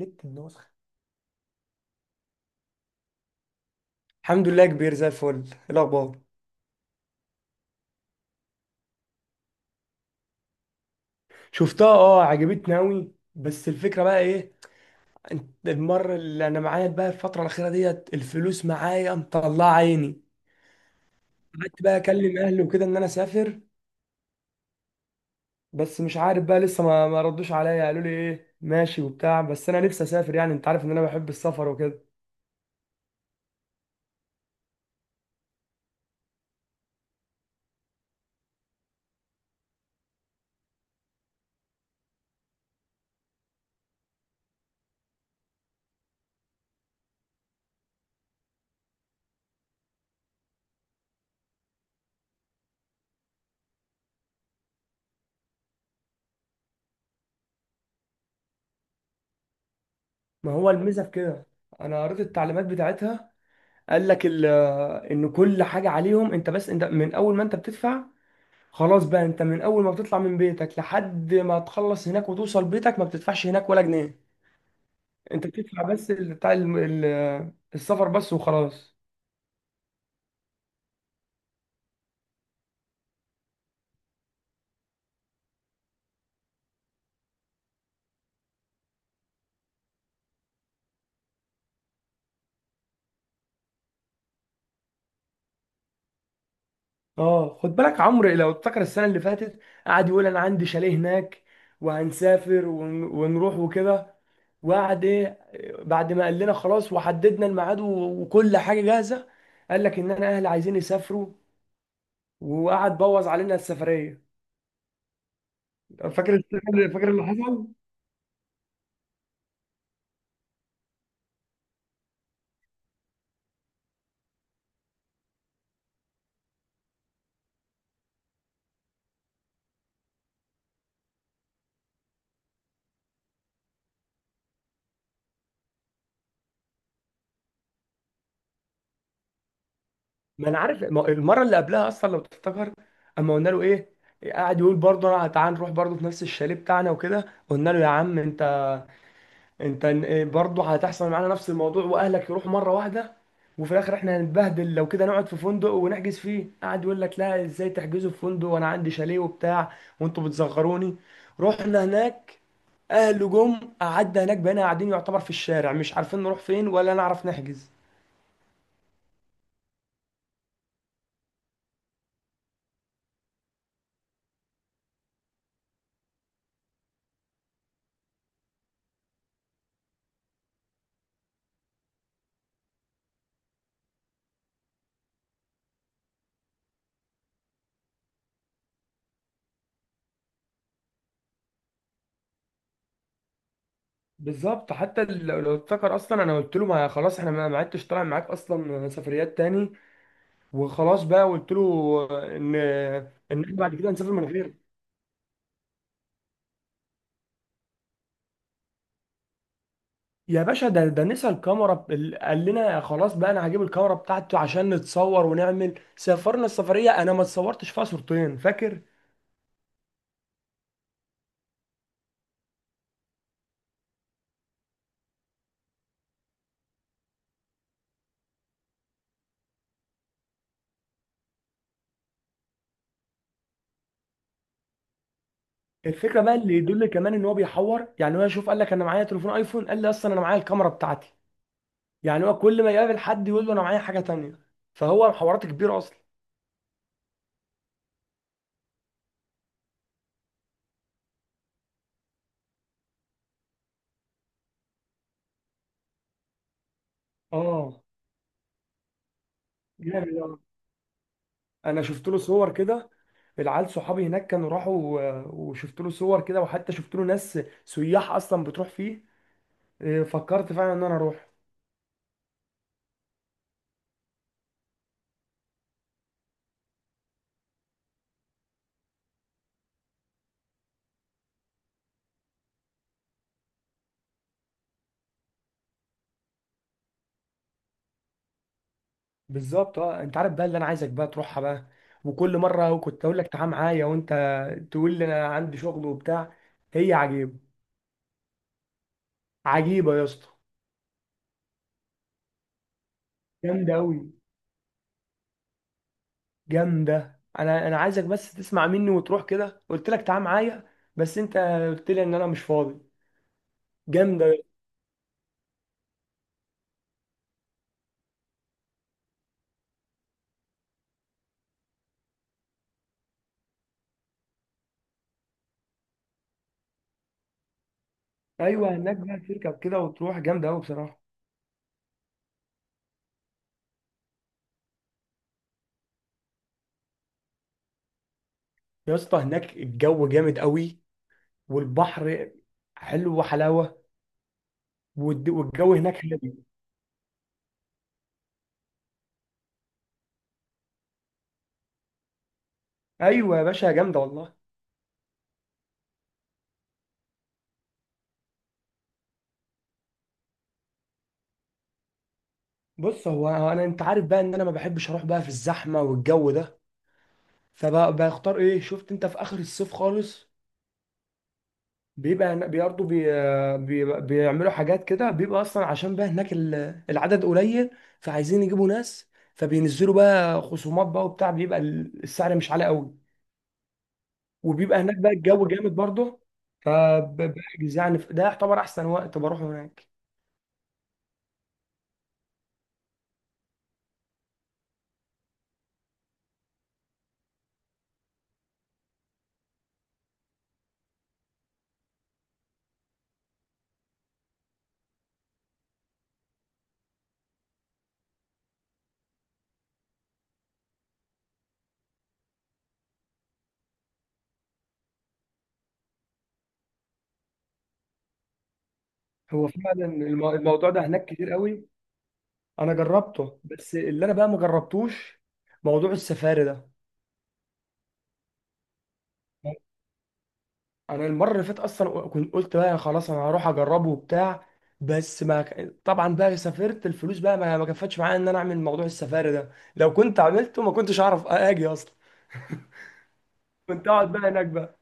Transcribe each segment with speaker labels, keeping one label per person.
Speaker 1: ليك النسخة. الحمد لله، كبير زي الفل. إيه الاخبار؟ شفتها، اه عجبتني قوي. بس الفكرة بقى ايه؟ انت المرة اللي انا معايا بقى الفترة الأخيرة ديت الفلوس معايا مطلعة عيني. قعدت بقى اكلم اهلي وكده ان انا اسافر. بس مش عارف بقى لسه ما ردوش عليا، قالوا لي ايه ماشي وبتاع. بس انا نفسي اسافر، يعني انت عارف ان انا بحب السفر وكده. ما هو الميزة في كده. انا قريت التعليمات بتاعتها. قال لك ال- ان كل حاجة عليهم، انت بس انت من اول ما انت بتدفع خلاص بقى. انت من اول ما بتطلع من بيتك لحد ما تخلص هناك وتوصل بيتك ما بتدفعش هناك ولا جنيه. انت بتدفع بس السفر بس وخلاص. اه خد بالك، عمرو لو افتكر السنه اللي فاتت قعد يقول انا عندي شاليه هناك وهنسافر ونروح وكده. وقعد ايه، بعد ما قال لنا خلاص وحددنا الميعاد وكل حاجه جاهزه، قال لك ان انا اهلي عايزين يسافروا، وقعد بوظ علينا السفريه. فاكر اللي حصل؟ ما انا عارف. المره اللي قبلها اصلا لو تفتكر، اما قلنا له ايه، قاعد يقول برضه انا تعال نروح برضه في نفس الشاليه بتاعنا وكده. قلنا له يا عم انت، انت إيه برضه هتحصل معانا نفس الموضوع واهلك يروحوا مره واحده وفي الاخر احنا هنتبهدل. لو كده نقعد في فندق ونحجز فيه، قاعد يقول لك لا ازاي تحجزوا في فندق وانا عندي شاليه وبتاع وانتوا بتصغروني. رحنا هناك اهله جم، قعدنا هناك بقينا قاعدين يعتبر في الشارع مش عارفين نروح فين ولا نعرف نحجز. بالظبط. حتى لو افتكر اصلا انا قلت له ما خلاص احنا ما عدتش طالع معاك اصلا سفريات تاني. وخلاص بقى قلت له ان، احنا بعد كده هنسافر من غير. يا باشا ده نسى الكاميرا قال لنا خلاص بقى انا هجيب الكاميرا بتاعته عشان نتصور ونعمل سافرنا السفريه انا ما اتصورتش فيها صورتين فاكر. الفكره بقى اللي يدل كمان ان هو بيحور، يعني هو يشوف قال لك انا معايا تليفون ايفون، قال لي اصلا انا معايا الكاميرا بتاعتي، يعني هو كل ما يقابل حد يقول له انا معايا حاجه تانيه. فهو حوارات كبيره اصلا. اه، جامد أوي. انا شفت له صور كده. العيال صحابي هناك كانوا راحوا وشفت له صور كده، وحتى شفت له ناس سياح اصلا بتروح فيه. إيه، فكرت فعلا ان انا اروح. بالظبط. اه انت عارف بقى اللي انا عايزك بقى تروحها بقى، وكل مره كنت اقول لك تعال معايا وانت تقول لي انا عندي شغل وبتاع. هي عجيبه. عجيبه يا اسطى، جامده قوي. جامده. انا عايزك بس تسمع مني وتروح كده. قلت لك تعال معايا بس انت قلت لي ان انا مش فاضي. جامده. ايوه هناك بقى تركب كده وتروح جامده قوي بصراحه. يا اسطى هناك الجو جامد قوي والبحر حلو وحلاوه، والجو هناك هادي. ايوه يا باشا جامده والله. بص هو انا، انت عارف بقى ان انا ما بحبش اروح بقى في الزحمه والجو ده، فبختار ايه شفت انت في اخر الصيف خالص. بيبقى هنا- برضه بي بي بيعملوا حاجات كده، بيبقى اصلا عشان بقى هناك العدد قليل، فعايزين يجيبوا ناس فبينزلوا بقى خصومات بقى وبتاع، بيبقى السعر مش عالي قوي. وبيبقى هناك بقى الجو جامد برضه، فبحجز يعني ده يعتبر احسن وقت بروحه هناك. هو فعلا الموضوع ده هناك كتير قوي، انا جربته بس اللي انا بقى ما جربتوش موضوع السفاري ده. انا المره اللي فاتت اصلا كنت قلت بقى خلاص انا هروح اجربه وبتاع، بس ما ك- طبعا بقى سافرت الفلوس بقى ما كفتش معايا ان انا اعمل موضوع السفاري ده. لو كنت عملته ما كنتش اعرف اجي اصلا، كنت اقعد بقى هناك بقى.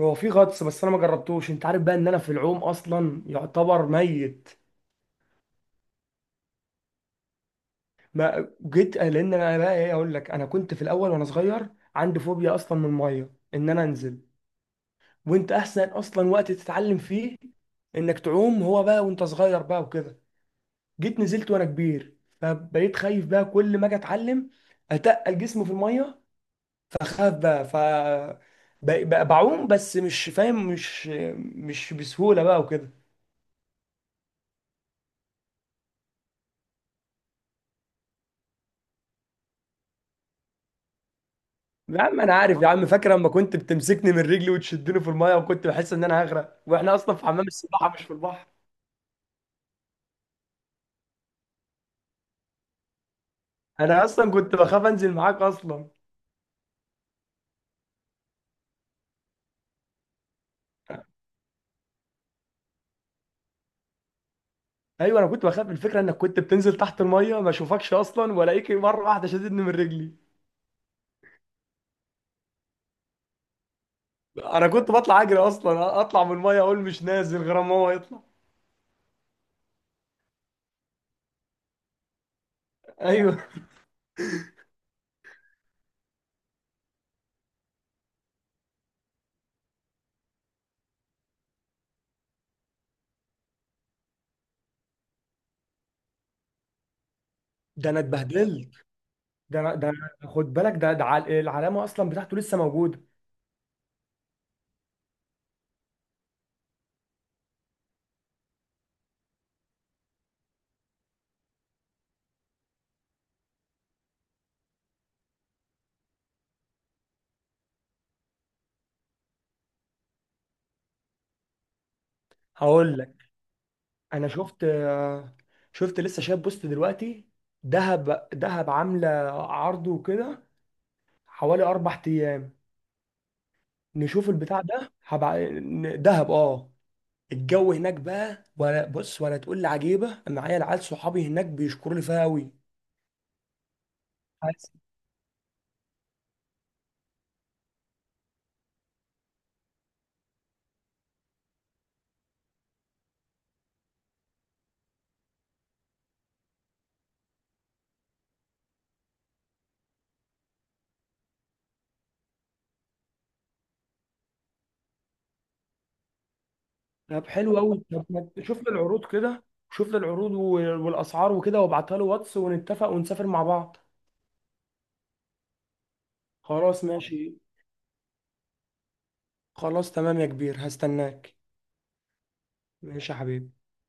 Speaker 1: هو في غطس بس انا ما جربتوش. انت عارف بقى ان انا في العوم اصلا يعتبر ميت. ما جيت لان انا بقى ايه اقول لك، انا كنت في الاول وانا صغير عندي فوبيا اصلا من الميه ان انا انزل، وانت احسن اصلا وقت تتعلم فيه انك تعوم هو بقى وانت صغير بقى وكده. جيت نزلت وانا كبير فبقيت خايف بقى كل ما اجي اتعلم اتقل جسمي في الميه فاخاف بقى، ف بقى بعوم بس مش فاهم، مش بسهوله بقى وكده. يا عم انا عارف يا عم، فاكر لما كنت بتمسكني من رجلي وتشدني في المايه وكنت بحس ان انا هغرق واحنا اصلا في حمام السباحه مش في البحر؟ انا اصلا كنت بخاف انزل معاك اصلا. ايوه انا كنت بخاف الفكره انك كنت بتنزل تحت المايه ما اشوفكش اصلا والاقيك مره واحده شددني من رجلي. انا كنت بطلع اجري اصلا اطلع من المايه اقول مش نازل غير ما هو يطلع. ايوه. ده انا اتبهدلت. ده انا، خد بالك، العلامه اصلا بتاعته لسه موجوده. هقول. انا شفت، شفت لسه شايف بوست دلوقتي، دهب عامله عرض وكده حوالي 4 ايام. نشوف البتاع ده دهب اه. الجو هناك بقى، ولا بص ولا تقول لي عجيبه، أنا معايا العيال صحابي هناك بيشكروا لي فيها قوي. طب حلو قوي. طب ما شوف لي العروض كده. شوف لي العروض والاسعار وكده، وابعتها له واتس ونتفق ونسافر مع بعض. خلاص ماشي. خلاص تمام يا كبير هستناك. ماشي يا حبيبي.